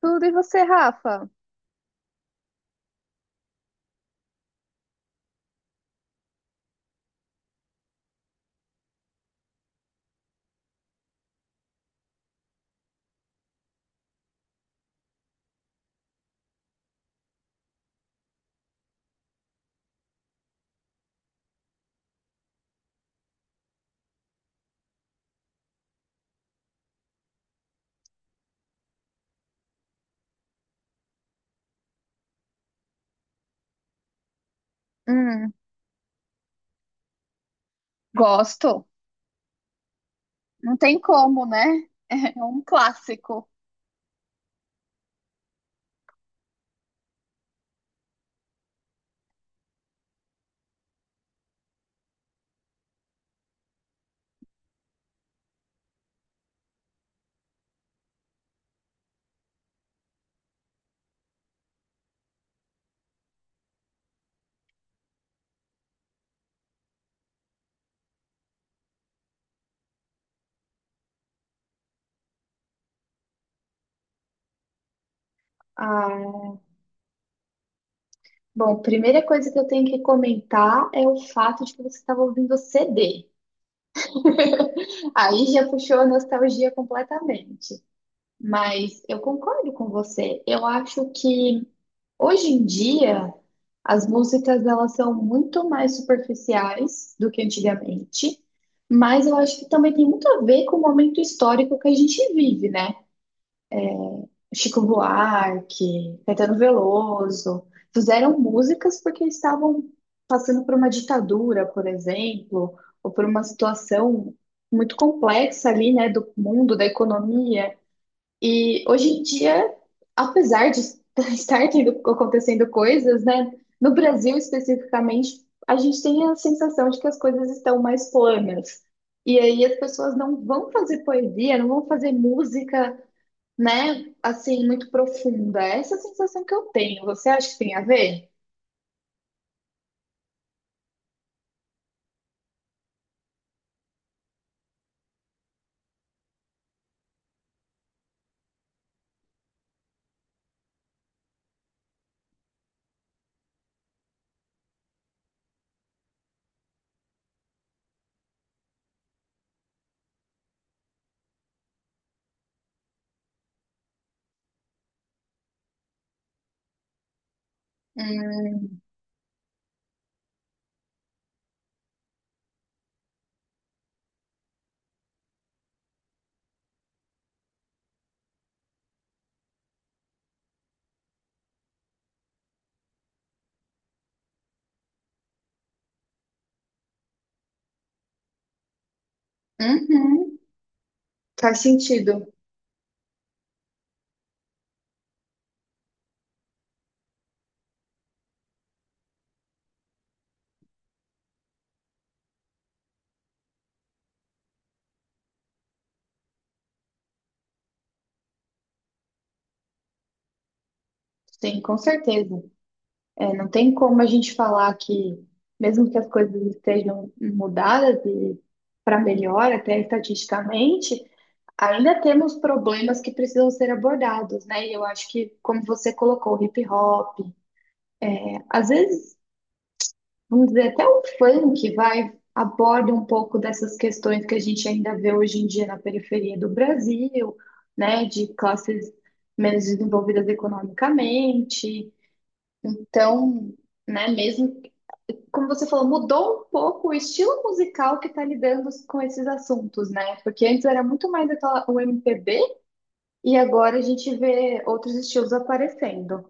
Tudo e você, Rafa? Hum, gosto. Não tem como, né? É um clássico. Ah, bom, primeira coisa que eu tenho que comentar é o fato de que você estava ouvindo CD. Aí já puxou a nostalgia completamente. Mas eu concordo com você. Eu acho que hoje em dia as músicas elas são muito mais superficiais do que antigamente, mas eu acho que também tem muito a ver com o momento histórico que a gente vive, né? Chico Buarque, Caetano Veloso, fizeram músicas porque estavam passando por uma ditadura, por exemplo, ou por uma situação muito complexa ali, né, do mundo, da economia. E hoje em dia, apesar de estar tendo, acontecendo coisas, né, no Brasil especificamente, a gente tem a sensação de que as coisas estão mais planas. E aí as pessoas não vão fazer poesia, não vão fazer música, né, assim, muito profunda. Essa é a sensação que eu tenho. Você acha que tem a ver? Hum, uhum, faz sentido. Sim, com certeza. É, não tem como a gente falar que, mesmo que as coisas estejam mudadas e para melhor, até estatisticamente, ainda temos problemas que precisam ser abordados, né? E eu acho que, como você colocou, o hip hop, às vezes, vamos dizer, até o funk vai aborda um pouco dessas questões que a gente ainda vê hoje em dia na periferia do Brasil, né? De classes menos desenvolvidas economicamente. Então, né, mesmo como você falou, mudou um pouco o estilo musical que está lidando com esses assuntos, né? Porque antes era muito mais aquela- o MPB e agora a gente vê outros estilos aparecendo.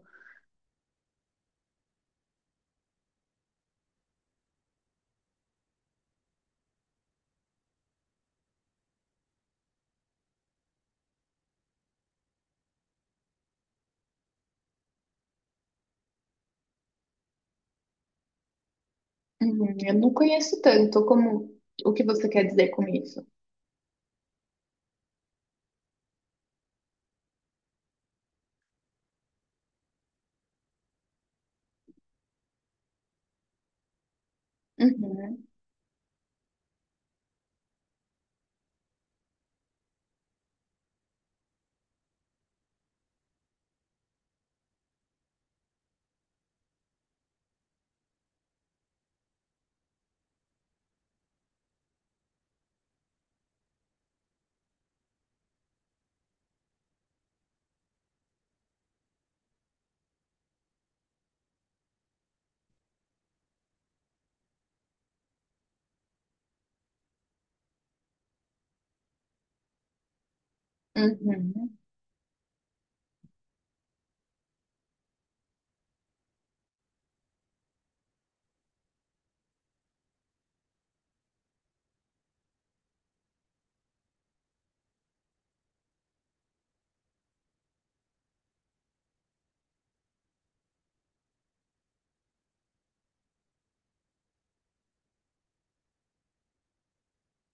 Uhum, eu não conheço tanto como o que você quer dizer com isso. Uhum, uhum,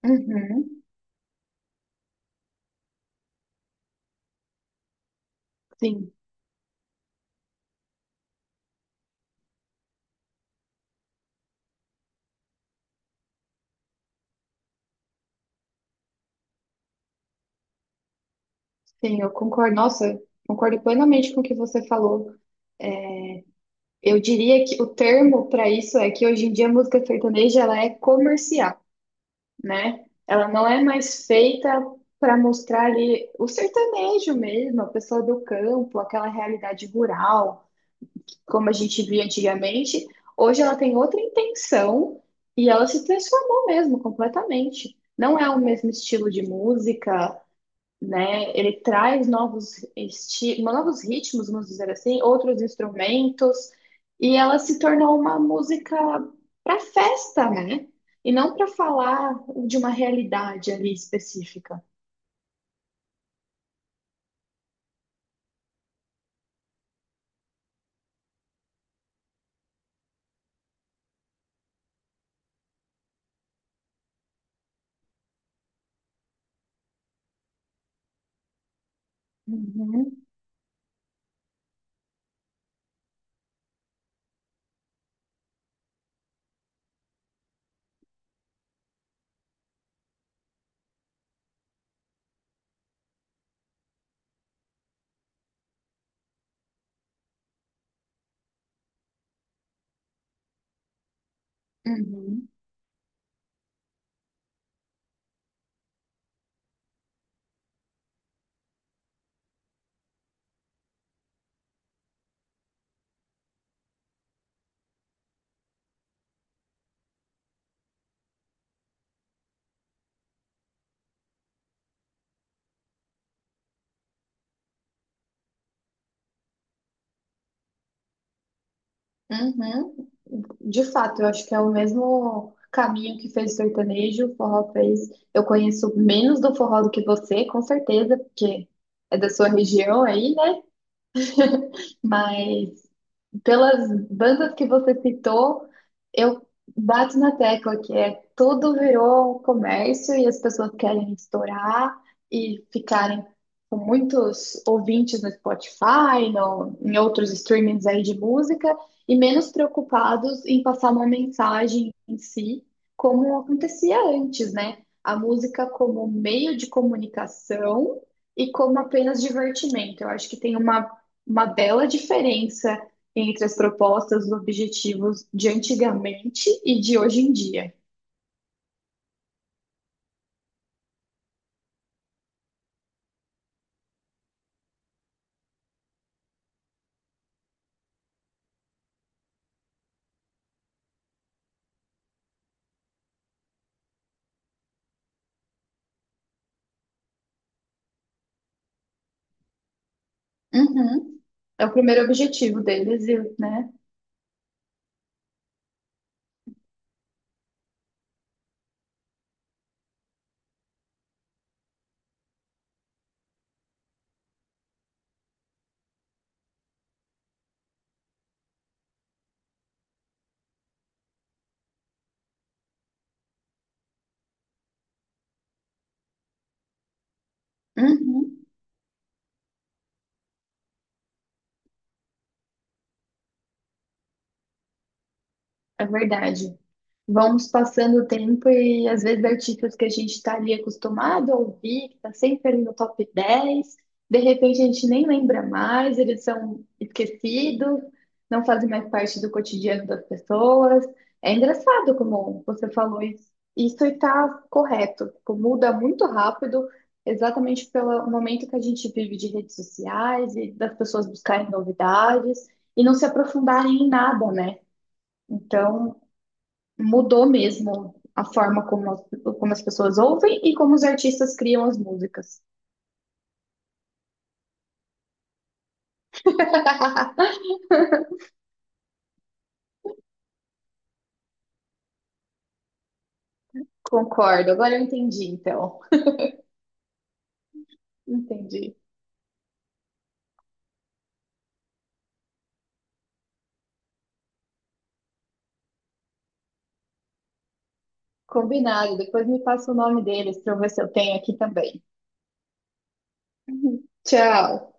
uhum. Sim, sim, eu concordo. Nossa, concordo plenamente com o que você falou. Eu diria que o termo para isso é que hoje em dia a música sertaneja ela é comercial. Né? Ela não é mais feita para mostrar ali o sertanejo mesmo, a pessoa do campo, aquela realidade rural, como a gente via antigamente. Hoje ela tem outra intenção e ela se transformou mesmo completamente. Não é o mesmo estilo de música, né? Ele traz novos esti novos ritmos, vamos dizer assim, outros instrumentos, e ela se tornou uma música para festa, né? E não para falar de uma realidade ali específica. Uhum, uhum, uhum. De fato, eu acho que é o mesmo caminho que fez o sertanejo, o forró fez. Eu conheço menos do forró do que você, com certeza, porque é da sua região aí, né? Mas pelas bandas que você citou, eu bato na tecla que é tudo virou comércio e as pessoas querem estourar e ficarem com muitos ouvintes no Spotify, no, em outros streamings aí de música, e menos preocupados em passar uma mensagem em si, como acontecia antes, né? A música como meio de comunicação e como apenas divertimento. Eu acho que tem uma bela diferença entre as propostas, os objetivos de antigamente e de hoje em dia. Uhum. É o primeiro objetivo deles, e, né? Uhum. É verdade. Vamos passando o tempo e às vezes artistas que a gente está ali acostumado a ouvir, que está sempre ali no top 10 de repente a gente nem lembra mais, eles são esquecidos, não fazem mais parte do cotidiano das pessoas. É engraçado como você falou isso. Isso está correto, tipo, muda muito rápido, exatamente pelo momento que a gente vive de redes sociais e das pessoas buscarem novidades e não se aprofundarem em nada, né? Então, mudou mesmo a forma como as pessoas ouvem e como os artistas criam as músicas. Concordo, agora eu entendi, então. Entendi. Combinado, depois me passa o nome deles para eu ver se eu tenho aqui também. Tchau.